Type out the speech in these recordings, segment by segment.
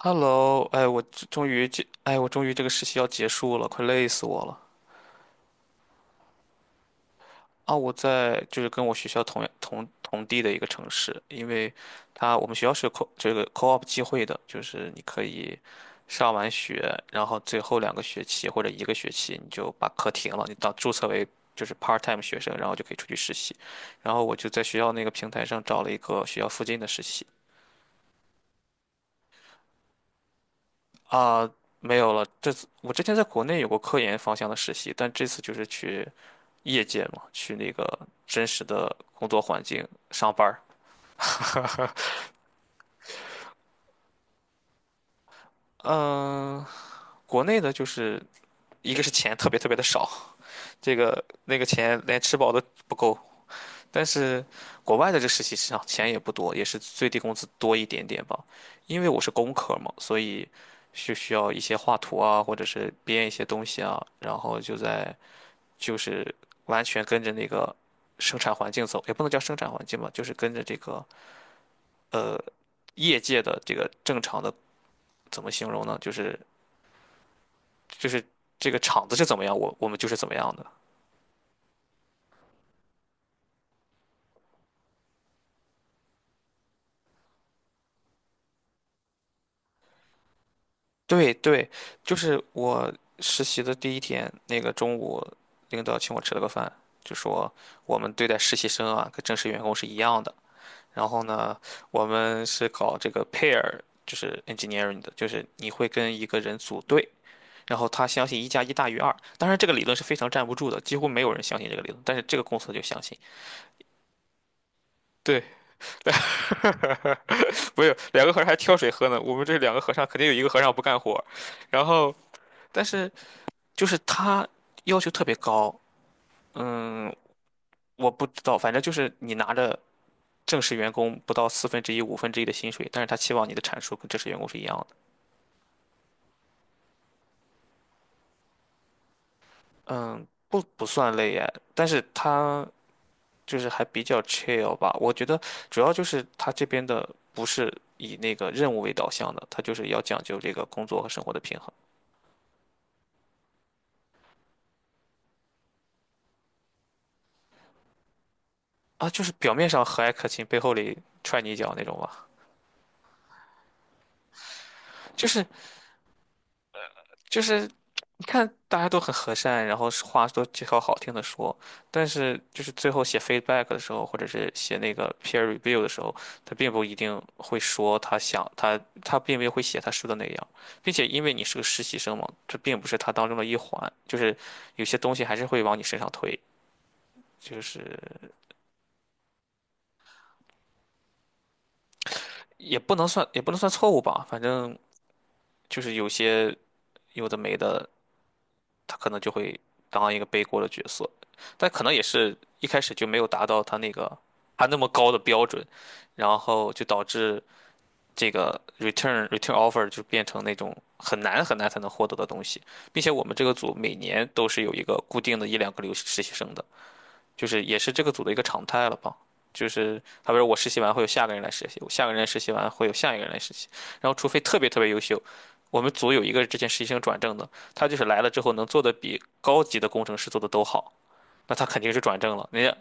Hello，哎，我这终于这，哎，我终于这个实习要结束了，快累死我了。啊！我在就是跟我学校同地的一个城市。因为它我们学校是有 co 这个 co-op 机会的，就是你可以上完学，然后最后两个学期或者一个学期你就把课停了，你到注册为就是 part-time 学生，然后就可以出去实习。然后我就在学校那个平台上找了一个学校附近的实习。啊，没有了，这次我之前在国内有过科研方向的实习，但这次就是去业界嘛，去那个真实的工作环境上班儿。嗯，国内的就是一个是钱特别特别的少，这个那个钱连吃饱都不够。但是国外的这个实习市场钱也不多，也是最低工资多一点点吧。因为我是工科嘛，所以就需要一些画图啊，或者是编一些东西啊，然后就在就是完全跟着那个生产环境走，也不能叫生产环境吧，就是跟着这个呃，业界的这个正常的，怎么形容呢？就是这个厂子是怎么样，我们就是怎么样的。对对，就是我实习的第一天，那个中午，领导请我吃了个饭，就说我们对待实习生啊，跟正式员工是一样的。然后呢，我们是搞这个 pair，就是 engineering 的，就是你会跟一个人组队，然后他相信一加一大于二。当然，这个理论是非常站不住的，几乎没有人相信这个理论，但是这个公司就相信。对，不是两个和尚还挑水喝呢。我们这两个和尚肯定有一个和尚不干活，然后但是就是他要求特别高。嗯，我不知道，反正就是你拿着正式员工不到四分之一、五分之一的薪水，但是他期望你的产出跟正式员工是一样的。嗯，不算累哎，但是他就是还比较 chill 吧。我觉得主要就是他这边的不是以那个任务为导向的，他就是要讲究这个工作和生活的平衡。啊，就是表面上和蔼可亲，背后里踹你一脚那种吧。就是就是，你看大家都很和善，然后是话都介绍好听的说，但是就是最后写 feedback 的时候，或者是写那个 peer review 的时候，他并不一定会说他想他并没有会写他说的那样。并且因为你是个实习生嘛，这并不是他当中的一环，就是有些东西还是会往你身上推，就是也不能算错误吧，反正就是有些有的没的。他可能就会当一个背锅的角色，但可能也是一开始就没有达到他那个他那么高的标准，然后就导致这个 return offer 就变成那种很难很难才能获得的东西。并且我们这个组每年都是有一个固定的一两个留实习生的，就是也是这个组的一个常态了吧。就是他比如我实习完会有下个人来实习，我下个人来实习完会有下一个人来实习，然后除非特别特别优秀。我们组有一个之前实习生转正的，他就是来了之后能做的比高级的工程师做的都好，那他肯定是转正了。人家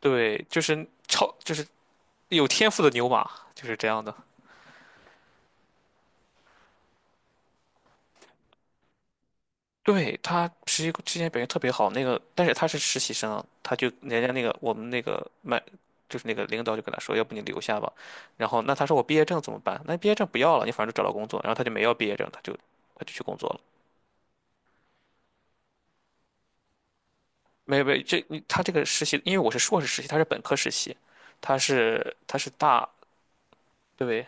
对，就是超就是有天赋的牛马就是这样的。对，他实习之前表现特别好。那个，但是他是实习生啊，他就人家那个我们那个麦，就是那个领导就跟他说，要不你留下吧。然后那他说我毕业证怎么办？那毕业证不要了，你反正都找到工作。然后他就没要毕业证，他就去工作了。没有没有，这你他这个实习，因为我是硕士实习，他是本科实习，他是大。对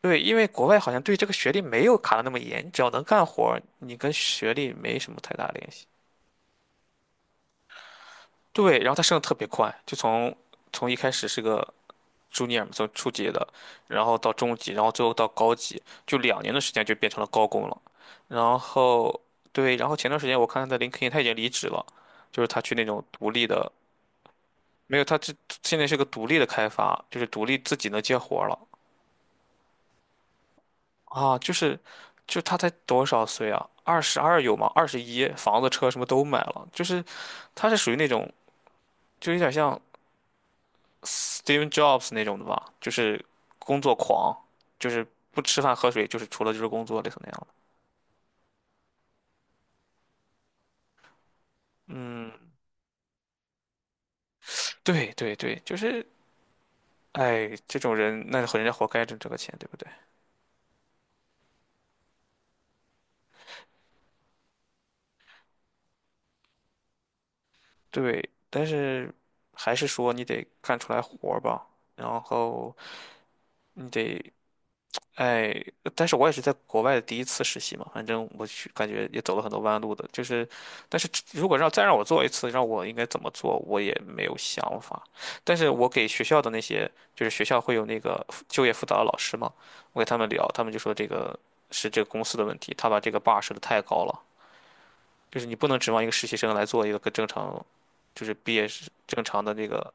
对，因为国外好像对这个学历没有卡的那么严，你只要能干活儿你跟学历没什么太大联系。对，然后他升的特别快，就从一开始是个。朱尼尔从初级的，然后到中级，然后最后到高级，就2年的时间就变成了高工了。然后对，然后前段时间我看他在林肯，他已经离职了，就是他去那种独立的。没有，他这现在是个独立的开发，就是独立自己能接活儿了。啊，就他才多少岁啊？22有吗？21，房子车什么都买了。就是他是属于那种就有点像Steve Jobs 那种的吧，就是工作狂，就是不吃饭喝水，就是除了就是工作，类似那样的。嗯，对对对，就是，哎，这种人，那人家活该挣这个钱，对不对？对，但是还是说你得干出来活儿吧，然后你得哎。但是我也是在国外的第一次实习嘛，反正我去感觉也走了很多弯路的，就是，但是如果让我做一次，让我应该怎么做，我也没有想法。但是我给学校的那些，就是学校会有那个就业辅导的老师嘛，我给他们聊，他们就说这个是这个公司的问题，他把这个 bar 设的太高了，就是你不能指望一个实习生来做一个跟正常，就是毕业是正常的那个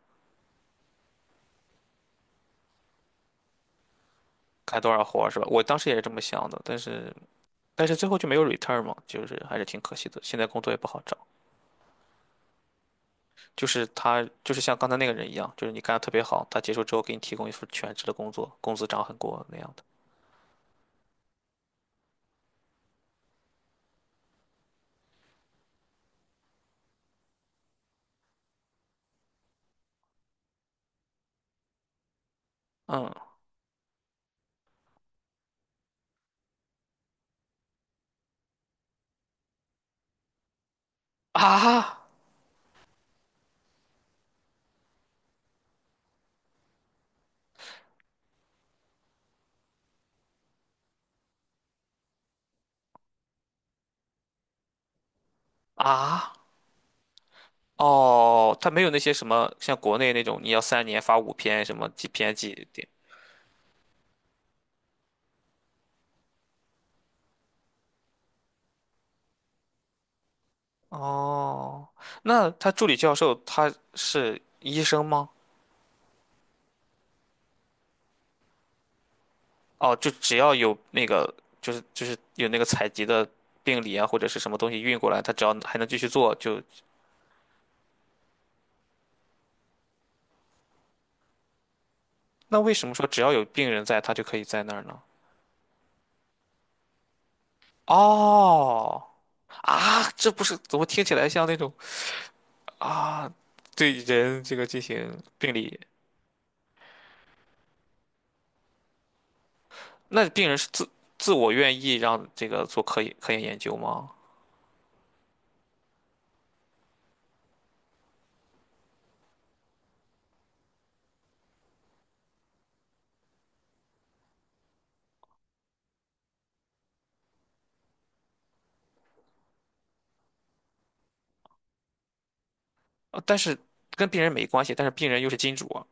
干多少活儿是吧？我当时也是这么想的，但是最后就没有 return 嘛，就是还是挺可惜的。现在工作也不好找，就是他就是像刚才那个人一样，就是你干得特别好，他结束之后给你提供一份全职的工作，工资涨很多那样的。嗯，啊，啊，哦，他没有那些什么像国内那种你要3年发5篇什么几篇几点。哦，那他助理教授他是医生吗？哦，就只要有那个，就是有那个采集的病理啊或者是什么东西运过来，他只要还能继续做。那为什么说只要有病人在，他就可以在那儿呢？哦，啊，这不是，怎么听起来像那种，啊，对人这个进行病理？那病人是自我愿意让这个做科研研究吗？但是跟病人没关系，但是病人又是金主啊。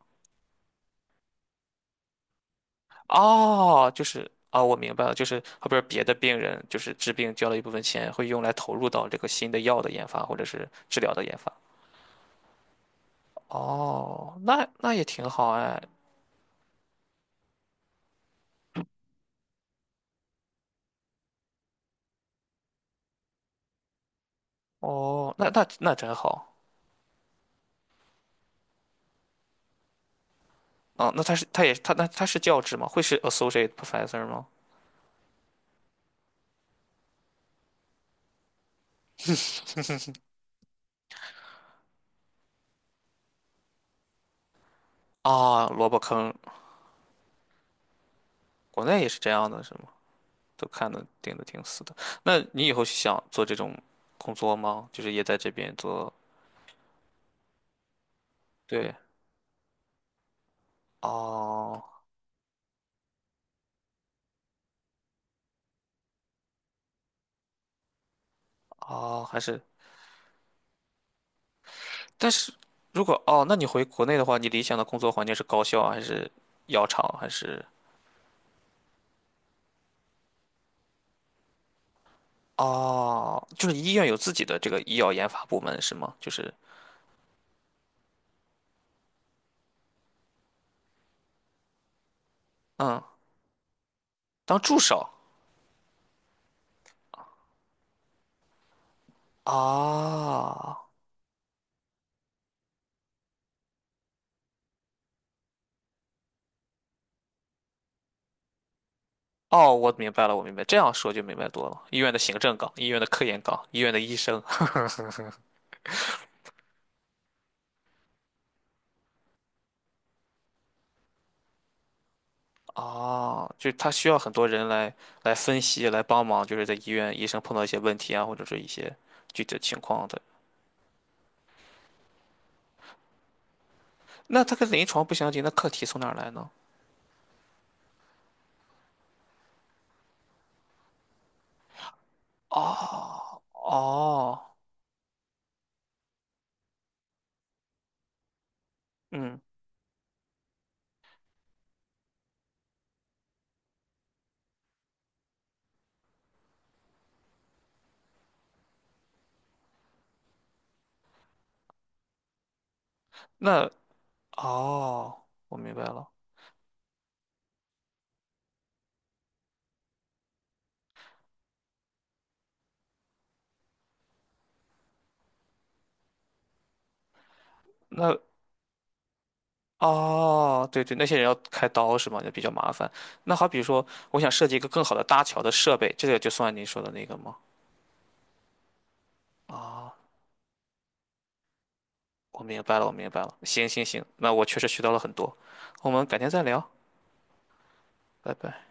哦，就是啊，我明白了，就是后边别的病人就是治病交了一部分钱，会用来投入到这个新的药的研发或者是治疗的研发。哦，那那也挺好哎。哦，那真好。啊！那他是他也他那他是教职吗？会是 associate professor 吗？啊，萝卜坑。国内也是这样的，是吗？都看的盯的挺死的。那你以后想做这种工作吗？就是也在这边做？对，哦哦，还是，但是如果，哦，那你回国内的话，你理想的工作环境是高校啊还是药厂还是？哦，就是医院有自己的这个医药研发部门是吗？就是嗯，当助手啊。哦，我明白了，我明白，这样说就明白多了。医院的行政岗、医院的科研岗、医院的医生。哦，就是他需要很多人来分析、来帮忙，就是在医院医生碰到一些问题啊，或者说一些具体的情况的。那他跟临床不相近，那课题从哪儿来呢？哦哦，嗯，那哦，我明白了。那哦，对对，那些人要开刀是吗？就比较麻烦。那好比说，我想设计一个更好的搭桥的设备，这个就算您说的那个吗？啊。我明白了，我明白了。行行行，那我确实学到了很多。我们改天再聊，拜拜。